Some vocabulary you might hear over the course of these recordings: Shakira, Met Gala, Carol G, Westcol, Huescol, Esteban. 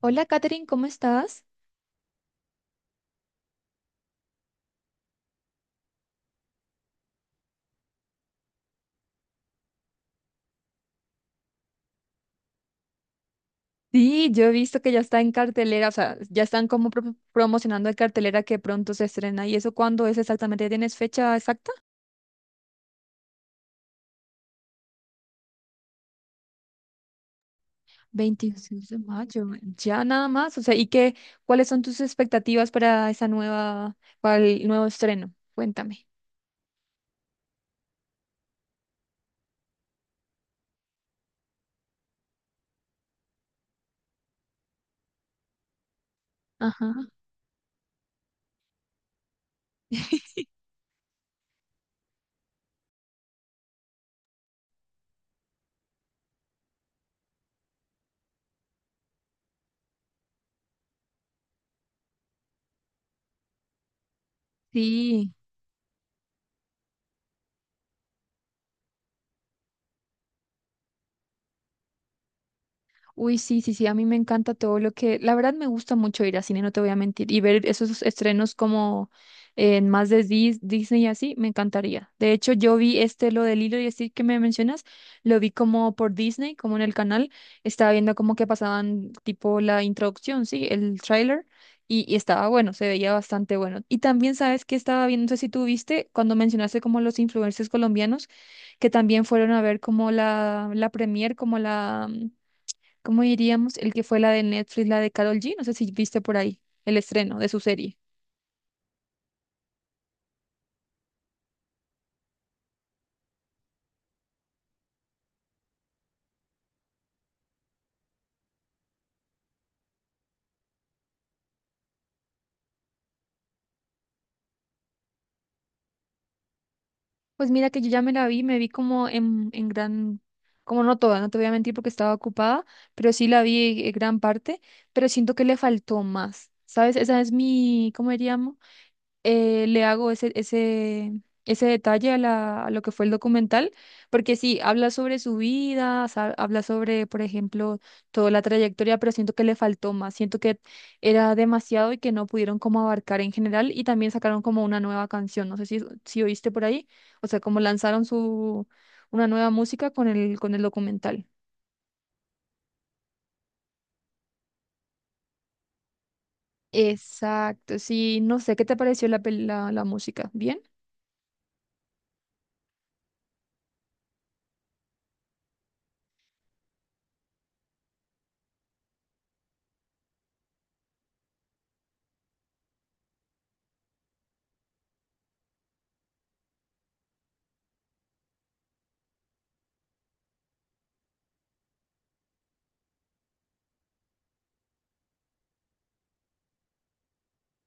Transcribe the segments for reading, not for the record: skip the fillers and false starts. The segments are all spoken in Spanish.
Hola, Katherine, ¿cómo estás? Sí, yo he visto que ya está en cartelera, o sea, ya están como promocionando en cartelera que pronto se estrena. ¿Y eso cuándo es exactamente? ¿Tienes fecha exacta? 26 de mayo, ya nada más. O sea, ¿y qué, cuáles son tus expectativas para esa nueva, para el nuevo estreno? Cuéntame. Ajá. Sí. Uy, sí, sí, sí, a mí me encanta todo lo que, la verdad me gusta mucho ir a cine, no te voy a mentir, y ver esos estrenos como en más de Disney y así, me encantaría. De hecho, yo vi este, lo del hilo y así que me mencionas, lo vi como por Disney, como en el canal, estaba viendo como que pasaban tipo la introducción, sí, el tráiler, y, estaba bueno, se veía bastante bueno. Y también sabes que estaba viendo, no sé si tú viste, cuando mencionaste como los influencers colombianos, que también fueron a ver como la premier, como la... ¿Cómo diríamos? El que fue la de Netflix, la de Carol G. No sé si viste por ahí el estreno de su serie. Pues mira que yo ya me la vi, me vi como en gran, como no toda, no te voy a mentir porque estaba ocupada, pero sí la vi en gran parte, pero siento que le faltó más, ¿sabes? Esa es mi, ¿cómo diríamos? Le hago ese detalle a, la, a lo que fue el documental, porque sí, habla sobre su vida, habla sobre, por ejemplo, toda la trayectoria, pero siento que le faltó más, siento que era demasiado y que no pudieron como abarcar en general y también sacaron como una nueva canción, no sé si, si oíste por ahí, o sea, como lanzaron su, una nueva música con el documental. Exacto, sí, no sé, ¿qué te pareció la, la, la música? ¿Bien?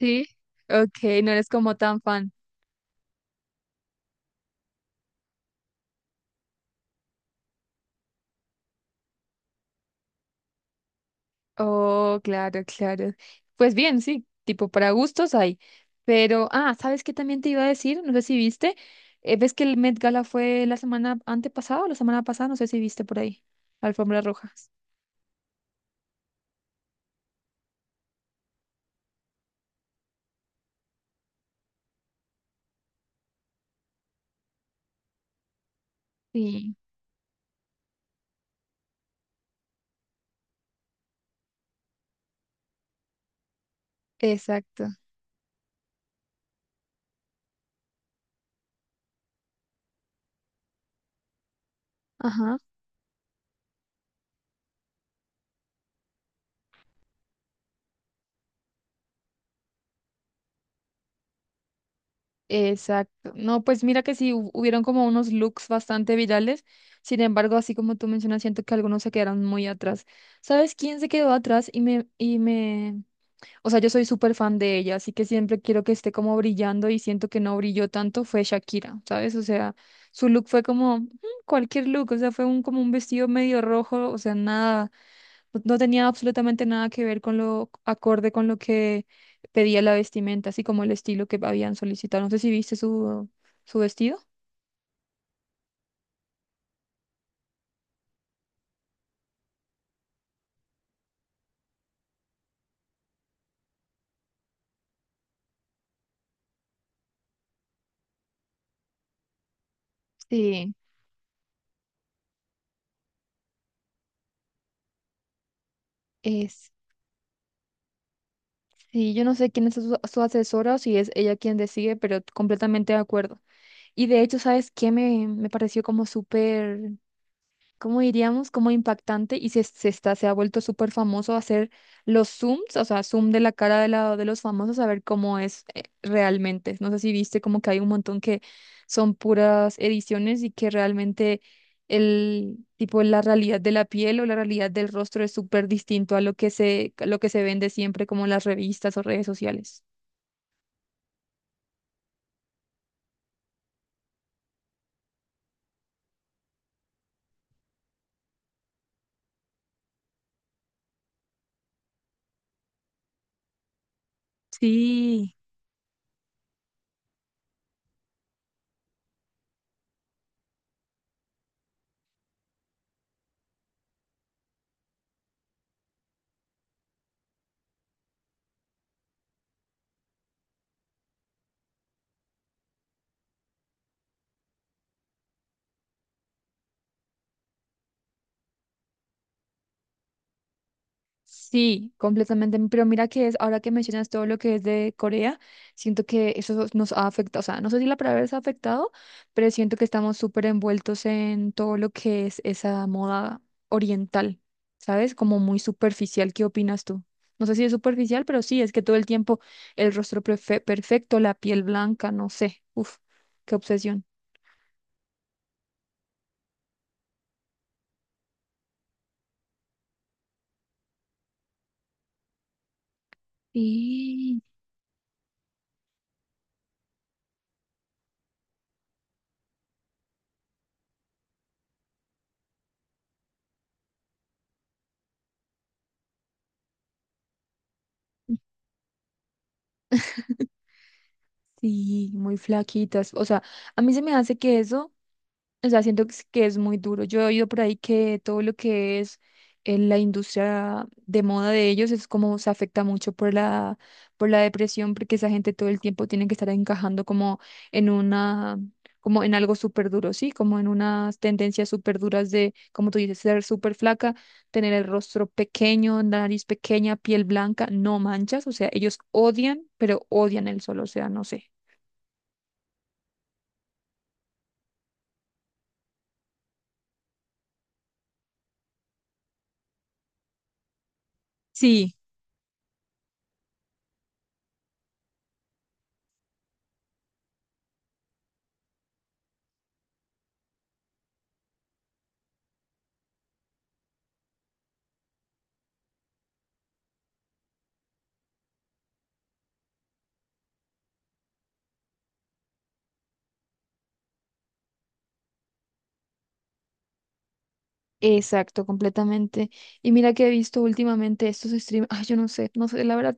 Sí. Ok, no eres como tan fan. Oh, claro, claro. Pues bien, sí, tipo para gustos hay. Pero, ah, ¿sabes qué también te iba a decir? No sé si viste. ¿Ves que el Met Gala fue la semana antepasada o la semana pasada? No sé si viste por ahí. La alfombra roja. Sí, exacto. Ajá, exacto. No, pues mira que sí, hubieron como unos looks bastante virales. Sin embargo, así como tú mencionas, siento que algunos se quedaron muy atrás. ¿Sabes quién se quedó atrás y me? O sea, yo soy súper fan de ella, así que siempre quiero que esté como brillando y siento que no brilló tanto fue Shakira, ¿sabes? O sea, su look fue como mm, cualquier look, o sea, fue un, como un vestido medio rojo, o sea, nada, no tenía absolutamente nada que ver con lo acorde con lo que pedía la vestimenta, así como el estilo que habían solicitado. No sé si viste su, su vestido. Sí, Es, sí, yo no sé quién es su, su asesora o si es ella quien decide, pero completamente de acuerdo. Y de hecho, ¿sabes qué me, me pareció como súper? Como diríamos, como impactante y se está, se ha vuelto súper famoso hacer los zooms, o sea, zoom de la cara de, la, de los famosos a ver cómo es realmente. No sé si viste como que hay un montón que son puras ediciones y que realmente el tipo, la realidad de la piel o la realidad del rostro es súper distinto a lo que se, a lo que se vende siempre como en las revistas o redes sociales. Sí. Sí, completamente. Pero mira que es, ahora que mencionas todo lo que es de Corea, siento que eso nos ha afectado. O sea, no sé si la palabra es afectado, pero siento que estamos súper envueltos en todo lo que es esa moda oriental, ¿sabes? Como muy superficial. ¿Qué opinas tú? No sé si es superficial, pero sí, es que todo el tiempo el rostro perfecto, la piel blanca, no sé. Uf, qué obsesión. Sí, sí, muy flaquitas. O sea, a mí se me hace que eso. O sea, siento que es muy duro. Yo he oído por ahí que todo lo que es la industria de moda de ellos es como se afecta mucho por la depresión, porque esa gente todo el tiempo tiene que estar encajando como en una, como en algo súper duro, ¿sí? Como en unas tendencias súper duras de, como tú dices, ser súper flaca, tener el rostro pequeño, nariz pequeña, piel blanca, no manchas. O sea, ellos odian, pero odian el sol. O sea, no sé. Sí. Exacto, completamente. Y mira que he visto últimamente estos streamers, ay, yo no sé, no sé, la verdad,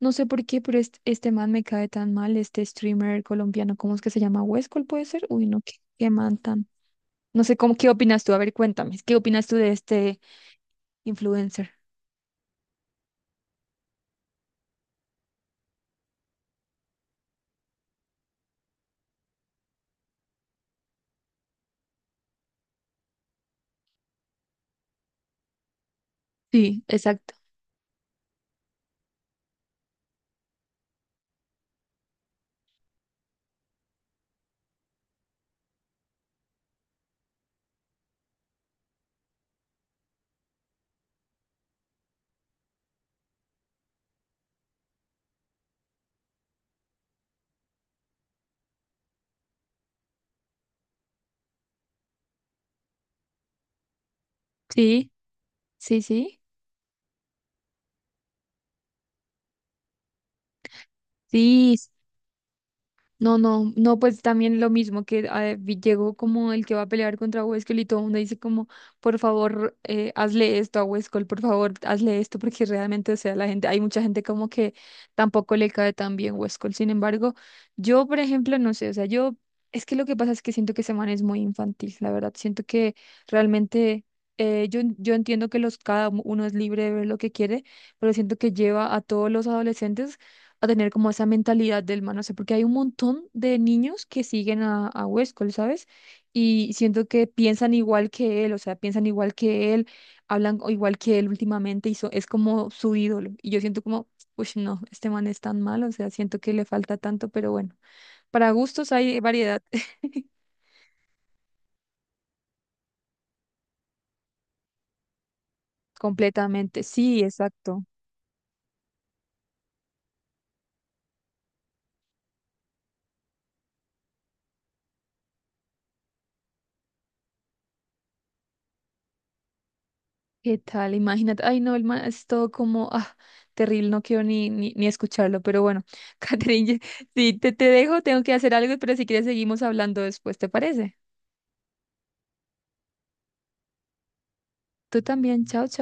no sé por qué, pero este man me cae tan mal, este streamer colombiano, ¿cómo es que se llama? ¿Huescol puede ser? Uy, no, qué, qué man tan. No sé, ¿cómo, qué opinas tú? A ver, cuéntame, ¿qué opinas tú de este influencer? Sí, exacto. Sí, sí, sí. Sí, no, no, no, pues también lo mismo que llegó como el que va a pelear contra Huescal y todo el mundo dice como, por favor, hazle esto a Huescal, por favor, hazle esto, porque realmente, o sea, la gente, hay mucha gente como que tampoco le cae tan bien Huescal. Sin embargo, yo, por ejemplo, no sé, o sea, yo, es que lo que pasa es que siento que ese man es muy infantil, la verdad, siento que realmente, yo entiendo que los, cada uno es libre de ver lo que quiere, pero siento que lleva a todos los adolescentes a tener como esa mentalidad del man, no sé, porque hay un montón de niños que siguen a Westcol, ¿sabes? Y siento que piensan igual que él, o sea, piensan igual que él, hablan o igual que él últimamente, y es como su ídolo. Y yo siento como, uy, no, este man es tan malo, o sea, siento que le falta tanto, pero bueno, para gustos hay variedad. Completamente, sí, exacto. ¿Qué tal? Imagínate. Ay, no, el man es todo como, ah, terrible, no quiero ni escucharlo. Pero bueno, Catherine, sí, te dejo, tengo que hacer algo, pero si quieres seguimos hablando después, ¿te parece? Tú también, chao, chao.